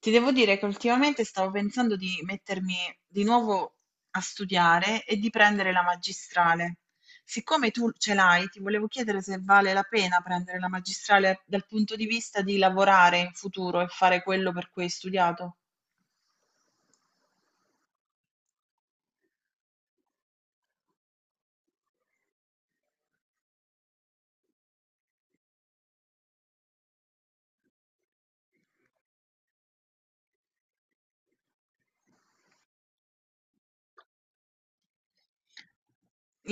Ti devo dire che ultimamente stavo pensando di mettermi di nuovo a studiare e di prendere la magistrale. Siccome tu ce l'hai, ti volevo chiedere se vale la pena prendere la magistrale dal punto di vista di lavorare in futuro e fare quello per cui hai studiato.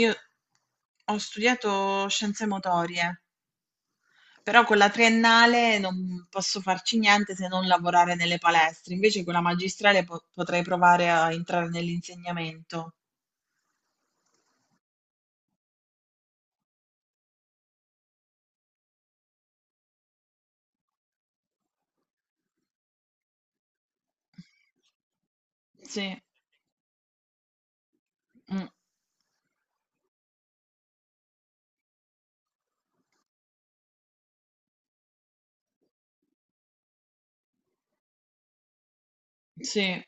Io ho studiato scienze motorie, però con la triennale non posso farci niente se non lavorare nelle palestre, invece con la magistrale potrei provare a entrare nell'insegnamento. Sì. Mh, sì.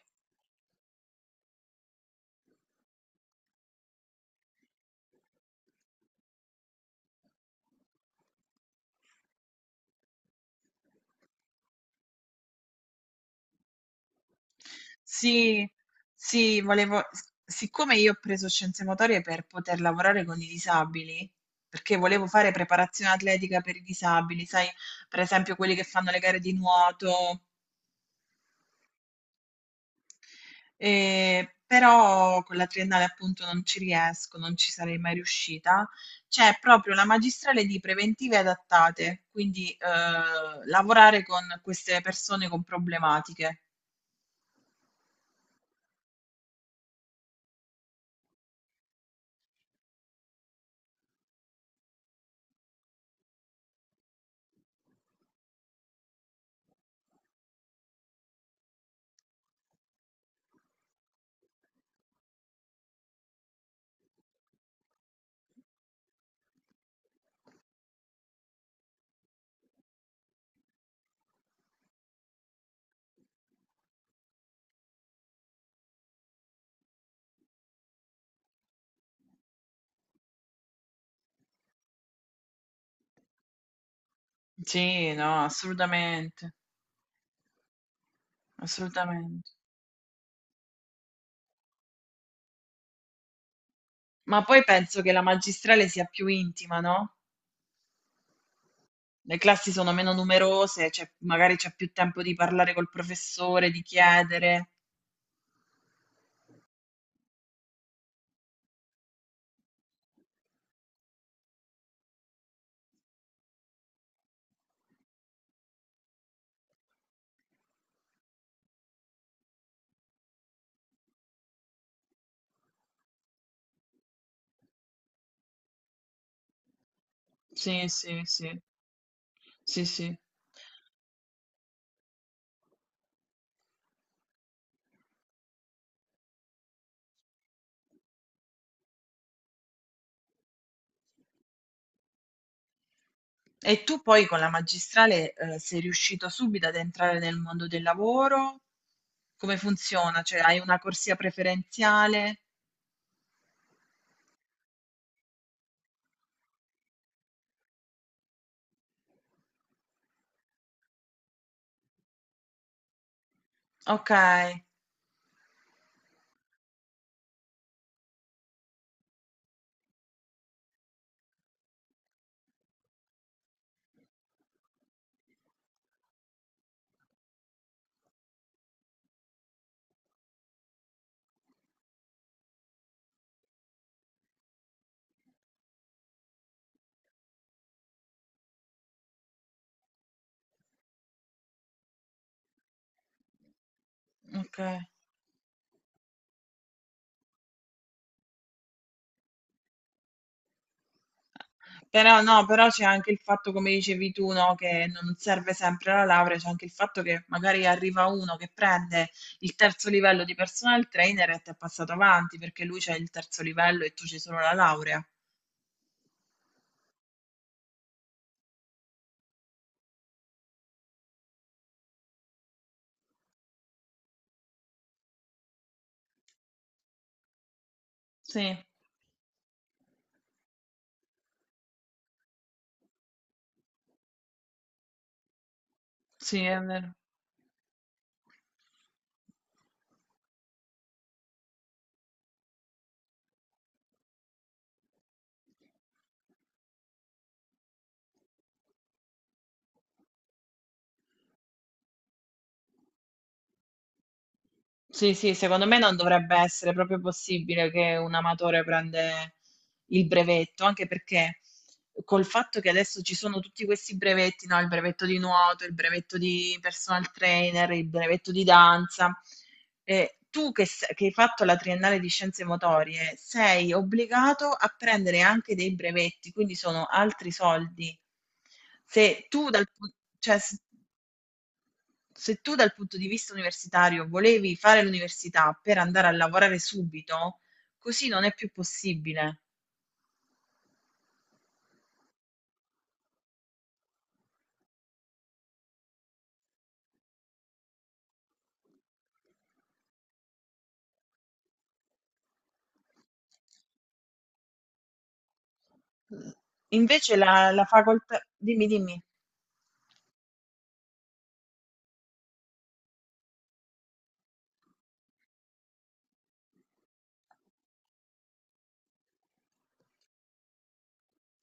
Sì, sì, volevo s siccome io ho preso scienze motorie per poter lavorare con i disabili, perché volevo fare preparazione atletica per i disabili, sai, per esempio quelli che fanno le gare di nuoto, però con la triennale appunto non ci riesco, non ci sarei mai riuscita. C'è proprio la magistrale di preventive adattate, quindi, lavorare con queste persone con problematiche. Sì, no, assolutamente. Assolutamente. Ma poi penso che la magistrale sia più intima, no? Le classi sono meno numerose, magari c'è più tempo di parlare col professore, di chiedere. Sì, sì, sì, sì, sì. E tu poi con la magistrale, sei riuscito subito ad entrare nel mondo del lavoro? Come funziona? Cioè, hai una corsia preferenziale? Ok, ok. Però no, però c'è anche il fatto, come dicevi tu, no, che non serve sempre la laurea, c'è anche il fatto che magari arriva uno che prende il terzo livello di personal trainer e ti è passato avanti perché lui c'è il terzo livello e tu c'hai solo la laurea. Sì, sì, è vero. Sì, sì, secondo me non dovrebbe essere proprio possibile che un amatore prende il brevetto, anche perché col fatto che adesso ci sono tutti questi brevetti, no? Il brevetto di nuoto, il brevetto di personal trainer, il brevetto di danza, tu che, che hai fatto la triennale di scienze motorie sei obbligato a prendere anche dei brevetti, quindi sono altri soldi. Se tu dal, pu- cioè, Se tu dal punto di vista universitario volevi fare l'università per andare a lavorare subito, così non è più possibile. Invece la facoltà, dimmi, dimmi.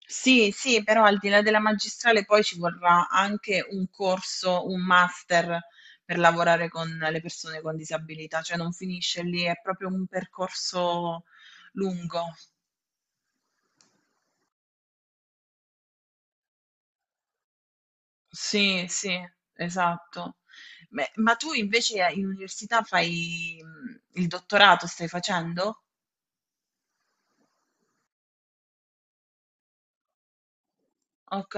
Sì, sì, però al di là della magistrale poi ci vorrà anche un corso, un master per lavorare con le persone con disabilità, cioè non finisce lì, è proprio un percorso lungo. Sì, sì, esatto. Beh, ma tu invece in università fai il dottorato, stai facendo? Ok,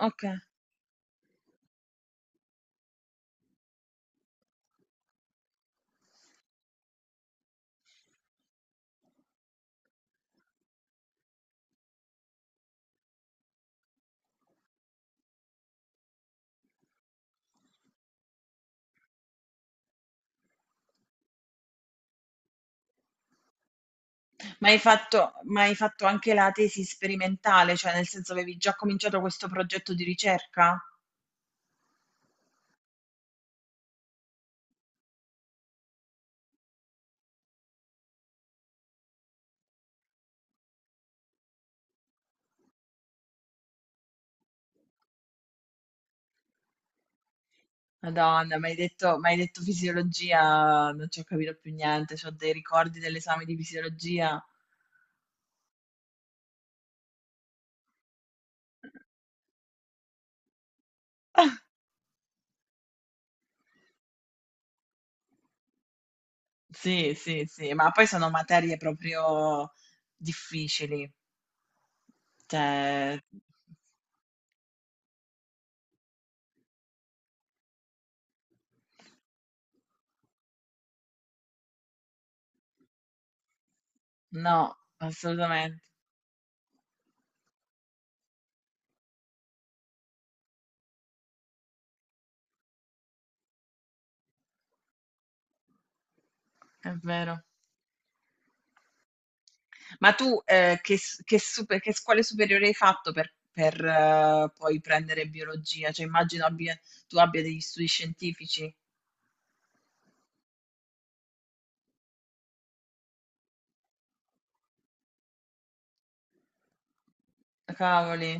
ok. Ma hai fatto anche la tesi sperimentale, cioè nel senso avevi già cominciato questo progetto di ricerca? Madonna, mi hai detto fisiologia, non ci ho capito più niente, ho dei ricordi dell'esame di fisiologia. Sì, sì, sì, ma poi sono materie proprio difficili. Cioè, no, assolutamente, è vero. Ma tu che scuole superiori hai fatto per, poi prendere biologia? Tu abbia degli studi scientifici. Cavoli,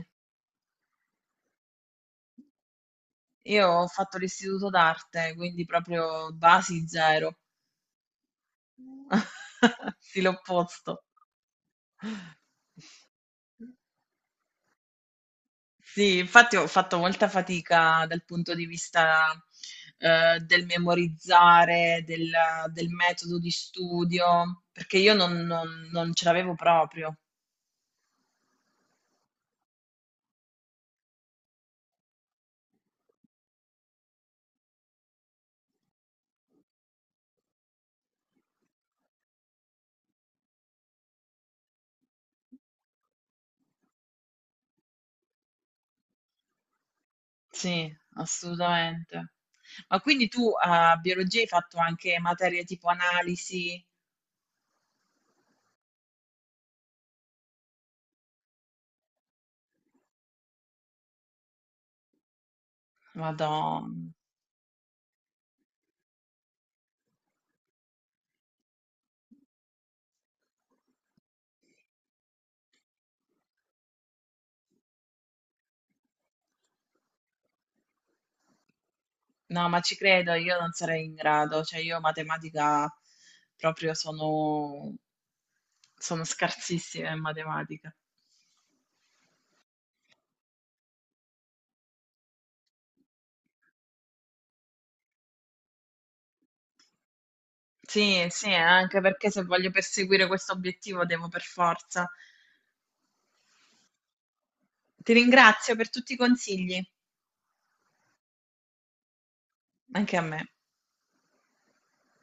io ho fatto l'istituto d'arte, quindi proprio basi zero. Sì, l'opposto. Sì, infatti ho fatto molta fatica dal punto di vista, del memorizzare, del metodo di studio, perché io non ce l'avevo proprio. Sì, assolutamente. Ma quindi tu a biologia hai fatto anche materie tipo analisi? Madon no, ma ci credo, io non sarei in grado, cioè io matematica proprio sono scarsissima in matematica. Sì, sì, anche perché se voglio perseguire questo obiettivo devo per forza. Ti ringrazio per tutti i consigli, anche a me.